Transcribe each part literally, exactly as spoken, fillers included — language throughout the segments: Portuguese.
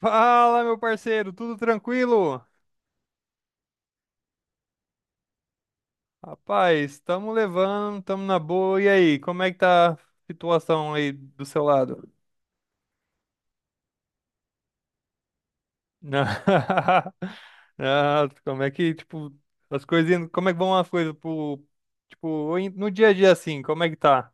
Fala, meu parceiro, tudo tranquilo? Rapaz, estamos levando, estamos na boa. E aí, como é que tá a situação aí do seu lado? Não, não, como é que, tipo, as coisas, indo- como é que vão as coisas pro, tipo, em- no dia a dia assim, como é que tá?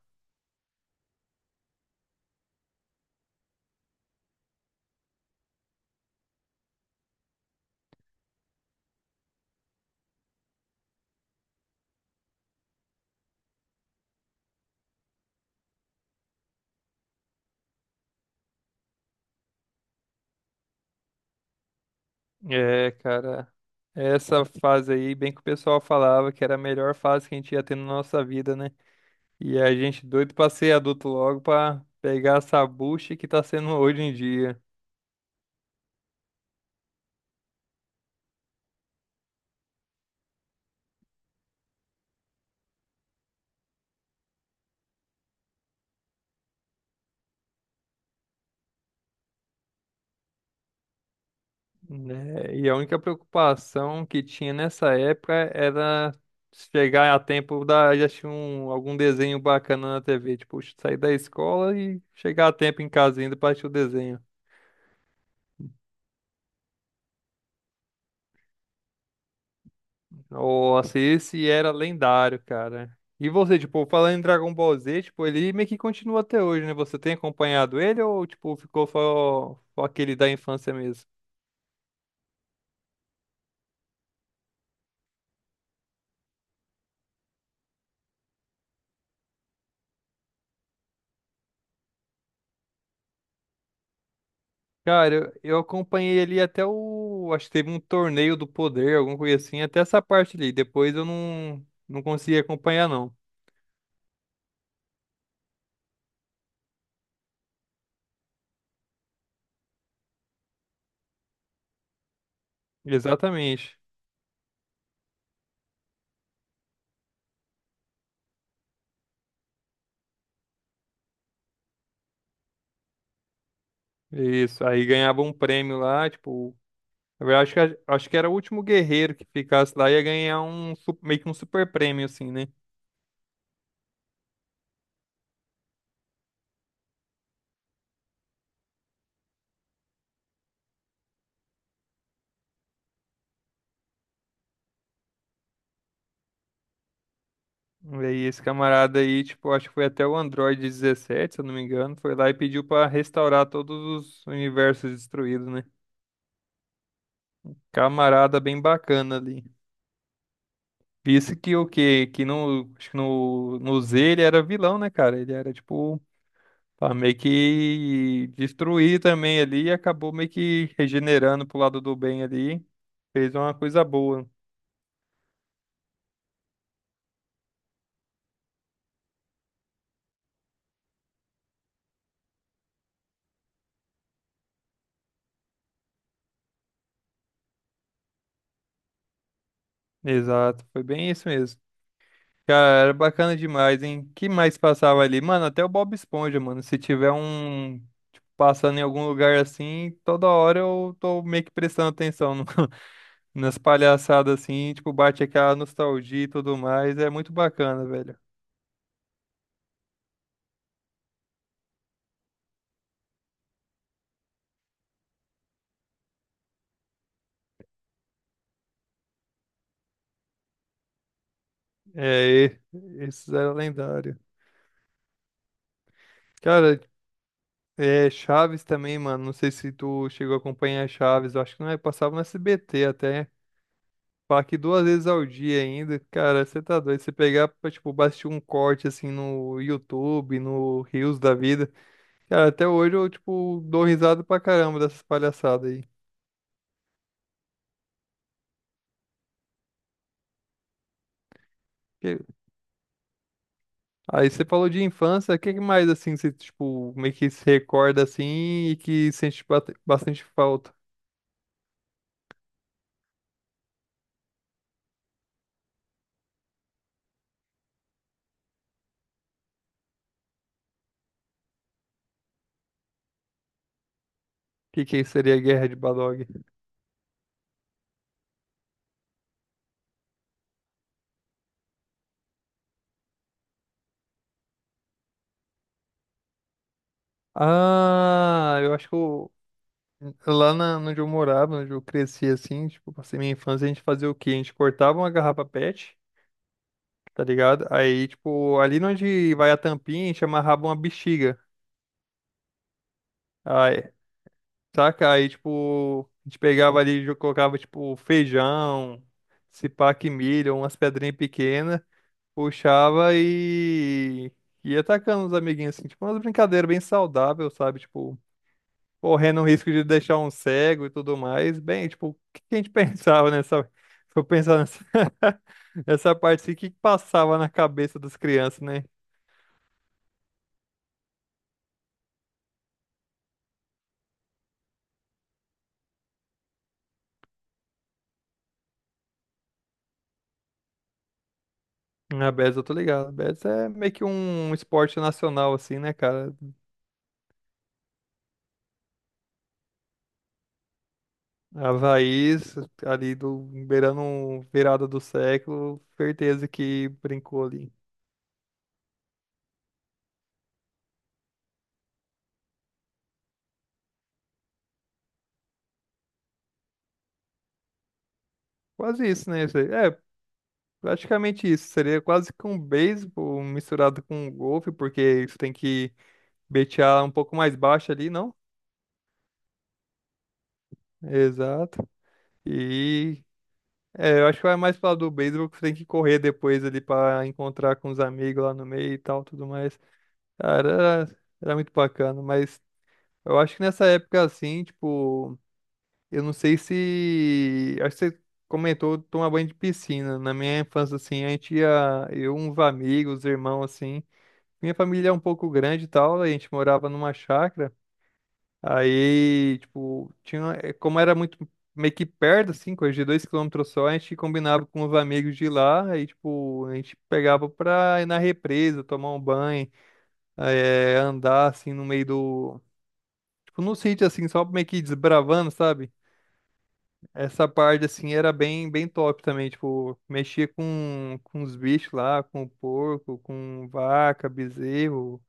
É, cara, essa fase aí, bem que o pessoal falava que era a melhor fase que a gente ia ter na nossa vida, né? E a gente doido pra ser adulto logo pra pegar essa bucha que tá sendo hoje em dia. Né? E a única preocupação que tinha nessa época era chegar a tempo da já tinha um, algum desenho bacana na T V, tipo, sair da escola e chegar a tempo em casa ainda pra assistir o desenho. Nossa, esse era lendário, cara. E você, tipo, falando em Dragon Ball Z, tipo, ele meio que continua até hoje, né? Você tem acompanhado ele ou, tipo, ficou só só aquele da infância mesmo? Cara, eu, eu acompanhei ali até o. Acho que teve um torneio do poder, alguma coisa assim, até essa parte ali. Depois eu não, não consegui acompanhar, não. Exatamente. Isso. Aí ganhava um prêmio lá, tipo. Na verdade, acho que, acho que era o último guerreiro que ficasse lá ia ganhar um su- meio que um super prêmio, assim, né? E aí esse camarada aí, tipo, acho que foi até o Android dezessete, se eu não me engano, foi lá e pediu pra restaurar todos os universos destruídos, né? Camarada bem bacana ali. Isso que o quê? Que no, acho que no, no Z ele era vilão, né, cara? Ele era, tipo, pra meio que destruir também ali e acabou meio que regenerando pro lado do bem ali. Fez uma coisa boa. Exato, foi bem isso mesmo. Cara, era bacana demais, hein? Que mais passava ali? Mano, até o Bob Esponja, mano. Se tiver um, tipo, passando em algum lugar assim, toda hora eu tô meio que prestando atenção no, nas palhaçadas assim, tipo, bate aquela nostalgia e tudo mais. É muito bacana, velho. É, e- esses eram lendários. Cara, é Chaves também, mano. Não sei se tu chegou a acompanhar Chaves. Eu acho que não é, passava no S B T até. Falar que duas vezes ao dia ainda. Cara, você tá doido. Você pegar pra, tipo, assistir um corte assim no YouTube, no Reels da vida. Cara, até hoje eu, tipo, dou risada pra caramba dessas palhaçadas aí. Aí você falou de infância, o que que mais assim você tipo meio que se recorda assim e que sente bate- bastante falta? O que que seria a Guerra de Badog? Ah, eu acho que eu- lá na, onde eu morava, onde eu cresci assim, tipo, passei minha infância, a gente fazia o quê? A gente cortava uma garrafa PET, tá ligado? Aí, tipo, ali onde vai a tampinha, a gente amarrava uma bexiga. Saca? Aí, tipo, a gente pegava ali, jo- colocava, tipo, feijão, se pá que milho, umas pedrinhas pequenas, puxava e ia atacando os amiguinhos, assim, tipo, umas brincadeiras bem saudáveis, sabe? Tipo, correndo o risco de deixar um cego e tudo mais. Bem, tipo, o que que a gente pensava nessa. Se eu pensar nessa, nessa parte assim, o que que passava na cabeça das crianças, né? A Betis, eu tô ligado. A Betis é meio que um esporte nacional, assim, né, cara? Havaí, ali do beirando um virada do século, certeza que brincou ali. Quase isso, né? Zé? É, praticamente isso. Seria quase que um beisebol misturado com um golfe, porque você tem que betear um pouco mais baixo ali, não? Exato. E é, eu acho que vai mais falar do beisebol que você tem que correr depois ali pra encontrar com os amigos lá no meio e tal, tudo mais. Cara, era, era muito bacana, mas eu acho que nessa época assim, tipo. Eu não sei se. Acho que você comentou tomar banho de piscina. Na minha infância, assim, a gente ia. Eu, uns amigos, irmãos, assim. Minha família é um pouco grande e tal. A gente morava numa chácara. Aí, tipo, tinha. é, Como era muito meio que perto, assim, coisa de dois quilômetros só, a gente combinava com os amigos de lá. Aí, tipo, a gente pegava pra ir na represa, tomar um banho, é, andar, assim, no meio do. Tipo, no sítio, assim, só meio que desbravando, sabe? Essa parte, assim, era bem, bem top também, tipo, mexia com, com os bichos lá, com o porco, com vaca, bezerro,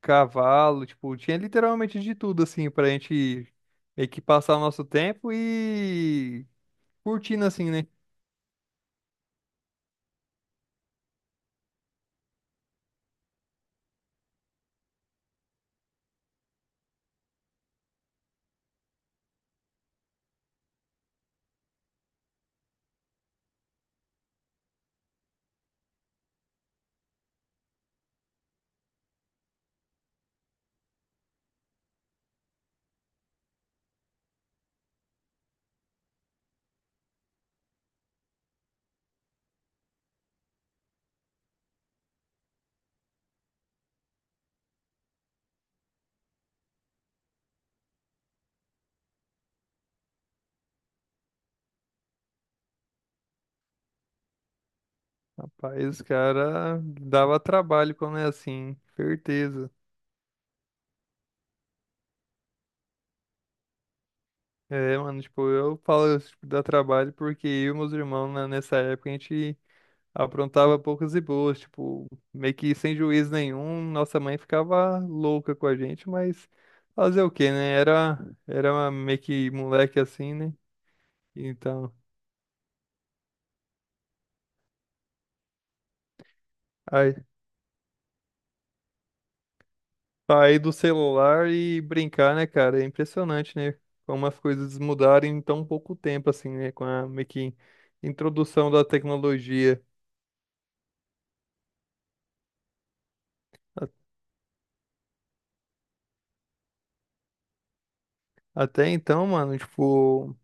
cavalo, tipo, tinha literalmente de tudo, assim, pra gente meio que passar o nosso tempo e curtindo, assim, né? Rapaz, os cara, dava trabalho quando é assim, certeza. É, mano, tipo, eu falo, tipo, dá trabalho porque eu e meus irmãos, né, nessa época, a gente aprontava poucas e boas, tipo, meio que sem juízo nenhum. Nossa mãe ficava louca com a gente, mas fazer o quê, né? Era, era meio que moleque assim, né? Então, aí, sair do celular e brincar, né, cara? É impressionante, né? Como as coisas mudaram em tão pouco tempo, assim, né? Com a meio que introdução da tecnologia. A- Até então, mano, tipo.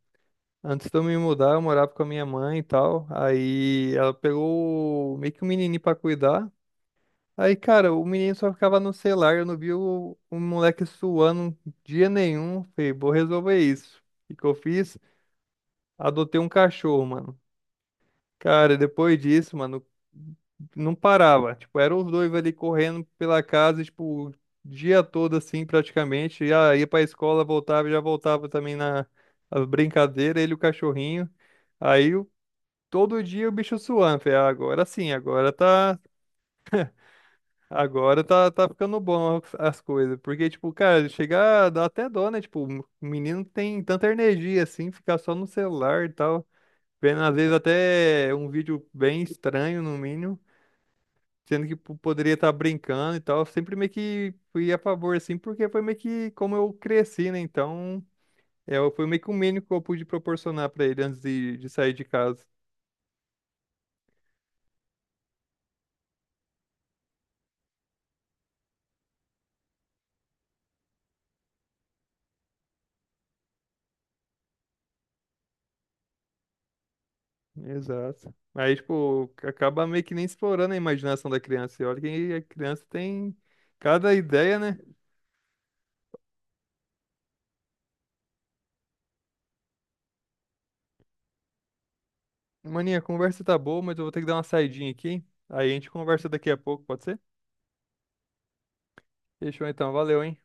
Antes de eu me mudar, eu morava com a minha mãe e tal. Aí ela pegou meio que um menininho pra cuidar. Aí, cara, o menino só ficava no celular. Eu não vi o, o moleque suando um dia nenhum. Falei, vou resolver isso. O que que eu fiz? Adotei um cachorro, mano. Cara, depois disso, mano, não parava. Tipo, eram os dois ali correndo pela casa, tipo, o dia todo assim, praticamente. Já ia pra escola, voltava, já voltava também na as brincadeiras, ele e o cachorrinho. Aí todo dia o bicho suando. Falei: "Ah, agora sim, agora tá. Agora tá, tá ficando bom as as coisas. Porque, tipo, cara, chegar dá até dó, né? Tipo, o menino tem tanta energia assim, ficar só no celular e tal. Vendo, às vezes, até um vídeo bem estranho, no mínimo. Sendo que po- poderia estar brincando e tal. Eu sempre meio que fui a favor, assim, porque foi meio que como eu cresci, né? Então, é, foi meio que o mínimo que eu pude proporcionar pra ele antes de, de sair de casa. Exato. Aí, tipo, acaba meio que nem explorando a imaginação da criança. E olha que a criança tem cada ideia, né? Maninha, a conversa tá boa, mas eu vou ter que dar uma saidinha aqui. Aí a gente conversa daqui a pouco, pode ser? Fechou então, valeu, hein?